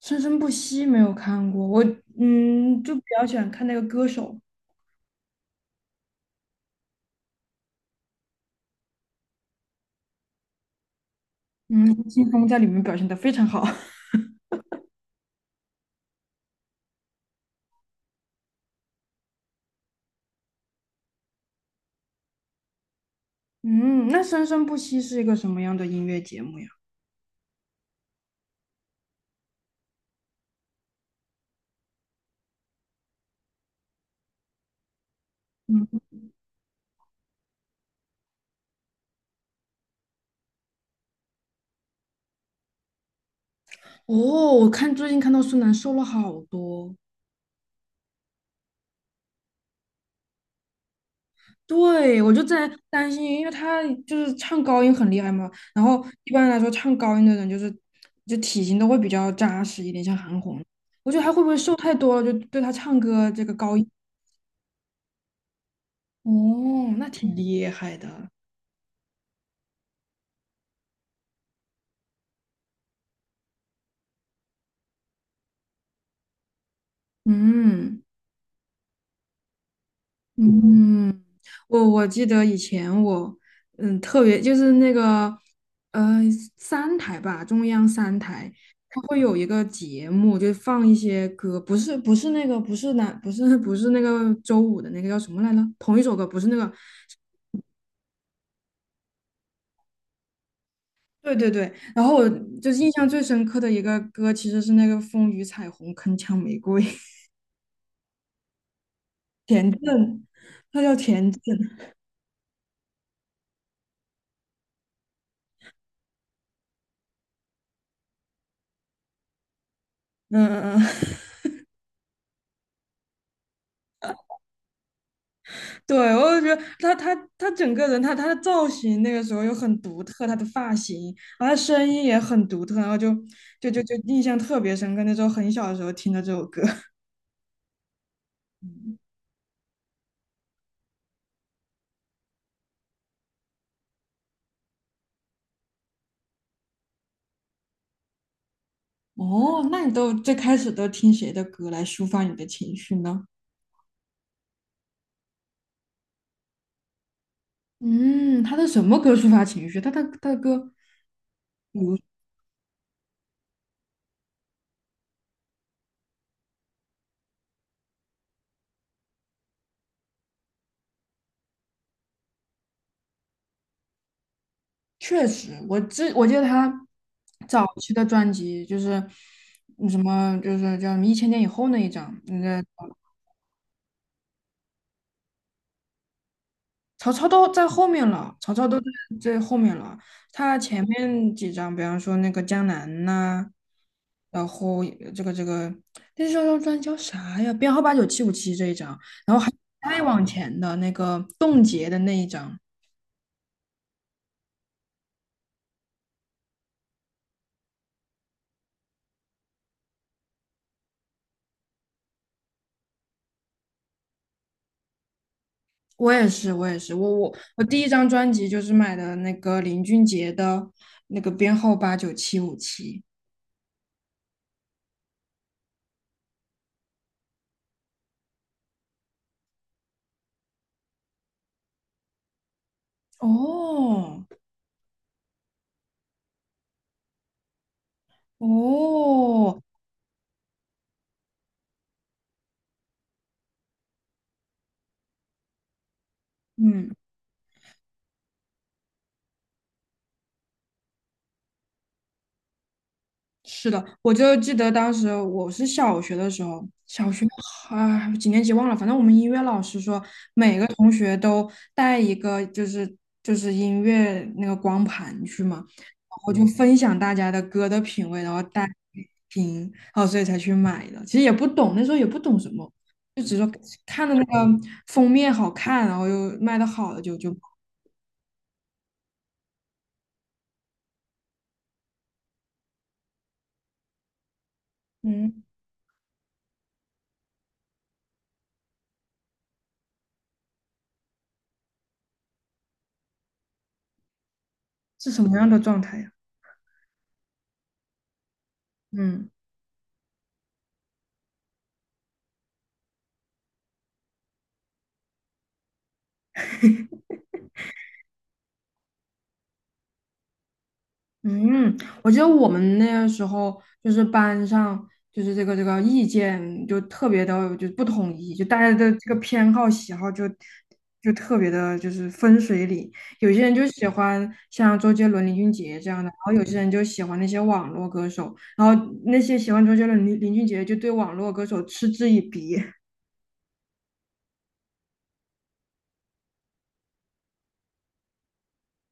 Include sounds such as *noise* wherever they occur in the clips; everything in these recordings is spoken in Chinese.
生生不息没有看过，我就比较喜欢看那个歌手。嗯，吴青峰在里面表现得非常好。*laughs* 嗯，那生生不息是一个什么样的音乐节目呀？嗯，哦，我看最近看到孙楠瘦了好多。对，我就在担心，因为他就是唱高音很厉害嘛，然后一般来说唱高音的人就是就体型都会比较扎实一点，像韩红，我觉得他会不会瘦太多了，就对他唱歌这个高音。哦，那挺厉害的。嗯。嗯，我记得以前我，嗯，特别就是那个，呃，三台吧，中央三台，它会有一个节目，就放一些歌，不是那个，不是那不是 *laughs* 不是那个周五的那个叫什么来着？同一首歌，不是那个，对对对。然后我就是印象最深刻的一个歌，其实是那个《风雨彩虹铿锵玫瑰》。*laughs* 田震，他叫田震。嗯嗯嗯。对，我就觉得他整个人，他的造型那个时候又很独特，他的发型，然后他声音也很独特，然后就就印象特别深刻。那时候很小的时候听的这首歌。*laughs* 哦，那你都最开始都听谁的歌来抒发你的情绪呢？嗯，他的什么歌抒发情绪？他的歌，比如确实，我记得他早期的专辑就是什么，就是叫什么《一千年以后》那一张，那个曹操都在后面了，曹操都在最后面了。他前面几张，比方说那个江南呐，然后这个那张专辑叫啥呀？编号八九七五七这一张，然后还再往前的那个冻结的那一张。我也是，我也是，我第一张专辑就是买的那个林俊杰的那个编号八九七五七。哦哦，嗯。是的，我就记得当时我是小学的时候，小学啊几年级忘了，反正我们音乐老师说每个同学都带一个就是就是音乐那个光盘去嘛，然后就分享大家的歌的品味，然后带听，然后所以才去买的。其实也不懂，那时候也不懂什么，就只是说看的那个封面好看，然后又卖的好的就，嗯。是什么样的状态呀？嗯。嗯，我记得我们那个时候就是班上就是这个意见就特别的就不统一，就大家的这个偏好喜好就特别的就是分水岭，有些人就喜欢像周杰伦、林俊杰这样的，然后有些人就喜欢那些网络歌手，然后那些喜欢周杰伦、林俊杰就对网络歌手嗤之以鼻。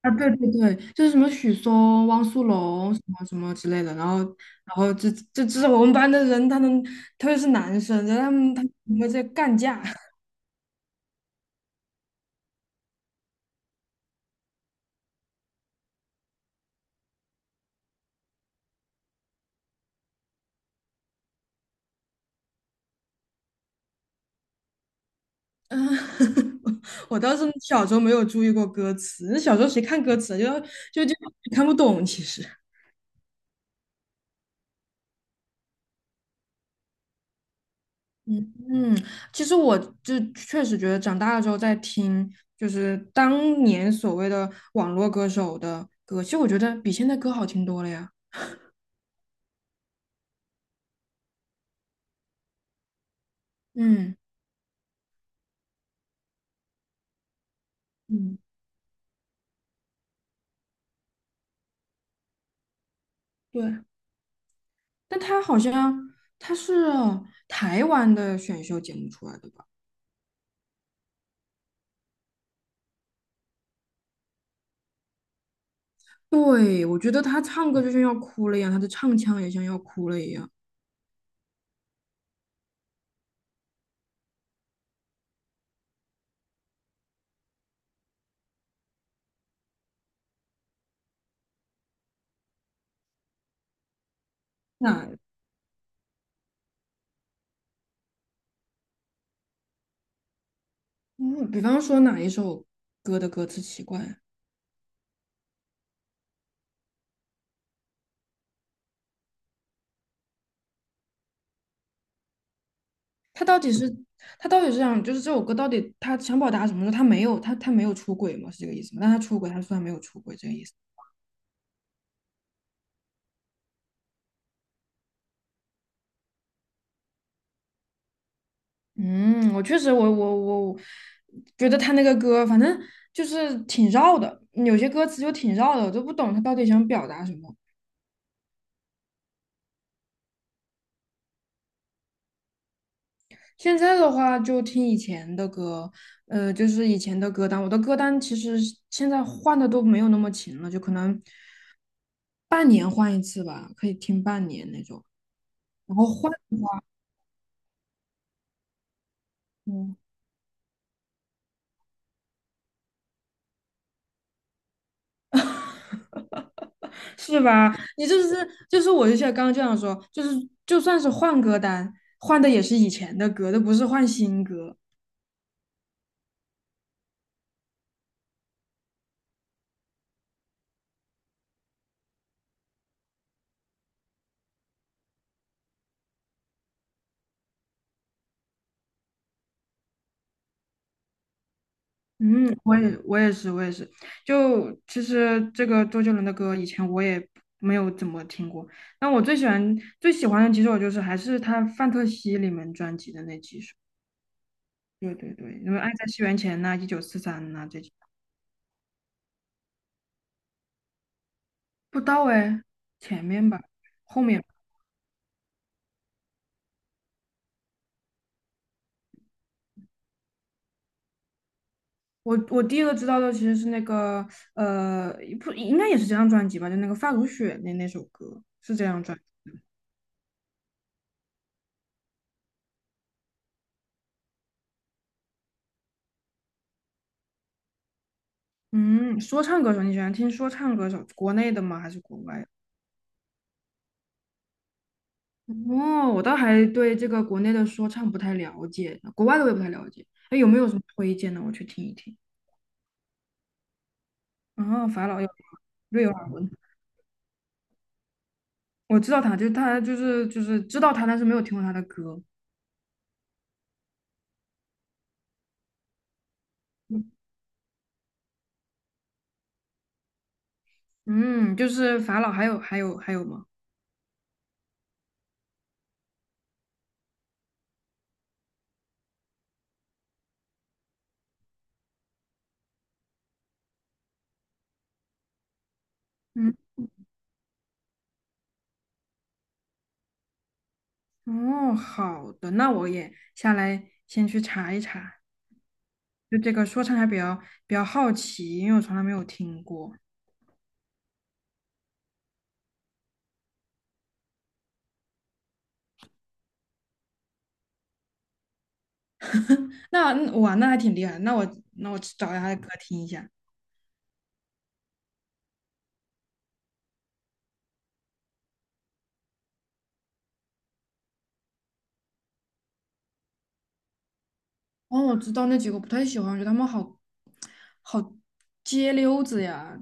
啊，对对对，就是什么许嵩、汪苏泷什么什么之类的，然后这是我们班的人，他们特别是男生，然后他们会在干架。*laughs* 嗯，我倒是小时候没有注意过歌词，那小时候谁看歌词啊就看不懂，其实。嗯嗯，其实我就确实觉得长大了之后再听，就是当年所谓的网络歌手的歌，其实我觉得比现在歌好听多了呀。嗯嗯，对。但他好像他是台湾的选秀节目出来的吧？对，我觉得他唱歌就像要哭了一样，他的唱腔也像要哭了一样。那嗯，比方说哪一首歌的歌词奇怪啊？他到底是他到底是想就是这首歌到底他想表达什么？他没有他没有出轨吗？是这个意思吗？但他出轨，他说他没有出轨这个意思。嗯，我确实我觉得他那个歌反正就是挺绕的，有些歌词就挺绕的，我都不懂他到底想表达什么。现在的话就听以前的歌，就是以前的歌单。我的歌单其实现在换的都没有那么勤了，就可能半年换一次吧，可以听半年那种。然后换，的话，嗯，是吧？你就是就是我就像刚刚这样说，就是就算是换歌单，换的也是以前的歌，都不是换新歌。嗯，我也是，就其实这个周杰伦的歌以前我也没有怎么听过，但我最喜欢最喜欢的几首就是还是他《范特西》里面专辑的那几首，对对对，因为《爱在西元前》呐、《一九四三》呐这几，不到哎，前面吧，后面吧，我第一个知道的其实是那个呃不应该也是这张专辑吧，就那个《发如雪》那首歌是这张专辑。嗯，说唱歌手你喜欢听说唱歌手，国内的吗还是国外的？哦，我倒还对这个国内的说唱不太了解，国外的我也不太了解。哎，有没有什么推荐的？我去听一听。哦，法老有瑞尔文，我知道他，就是知道他，但是没有听过他的歌。嗯，就是法老还有吗？嗯，哦，好的，那我也下来先去查一查。就这个说唱还比较比较好奇，因为我从来没有听过。那嗯哇，那还挺厉害的。那我去找一下他的歌听一下。哦，我知道那几个不太喜欢，我觉得他们好街溜子呀。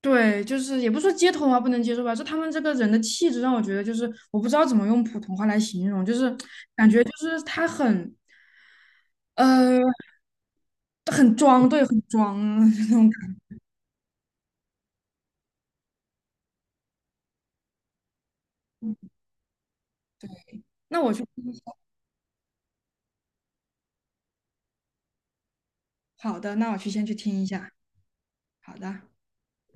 对，就是也不说街头啊不能接受吧，就他们这个人的气质让我觉得就是我不知道怎么用普通话来形容，就是感觉就是他很呃很装，对，很装 *laughs* 那种感觉。那我去好的，那我去先去听一下，好的。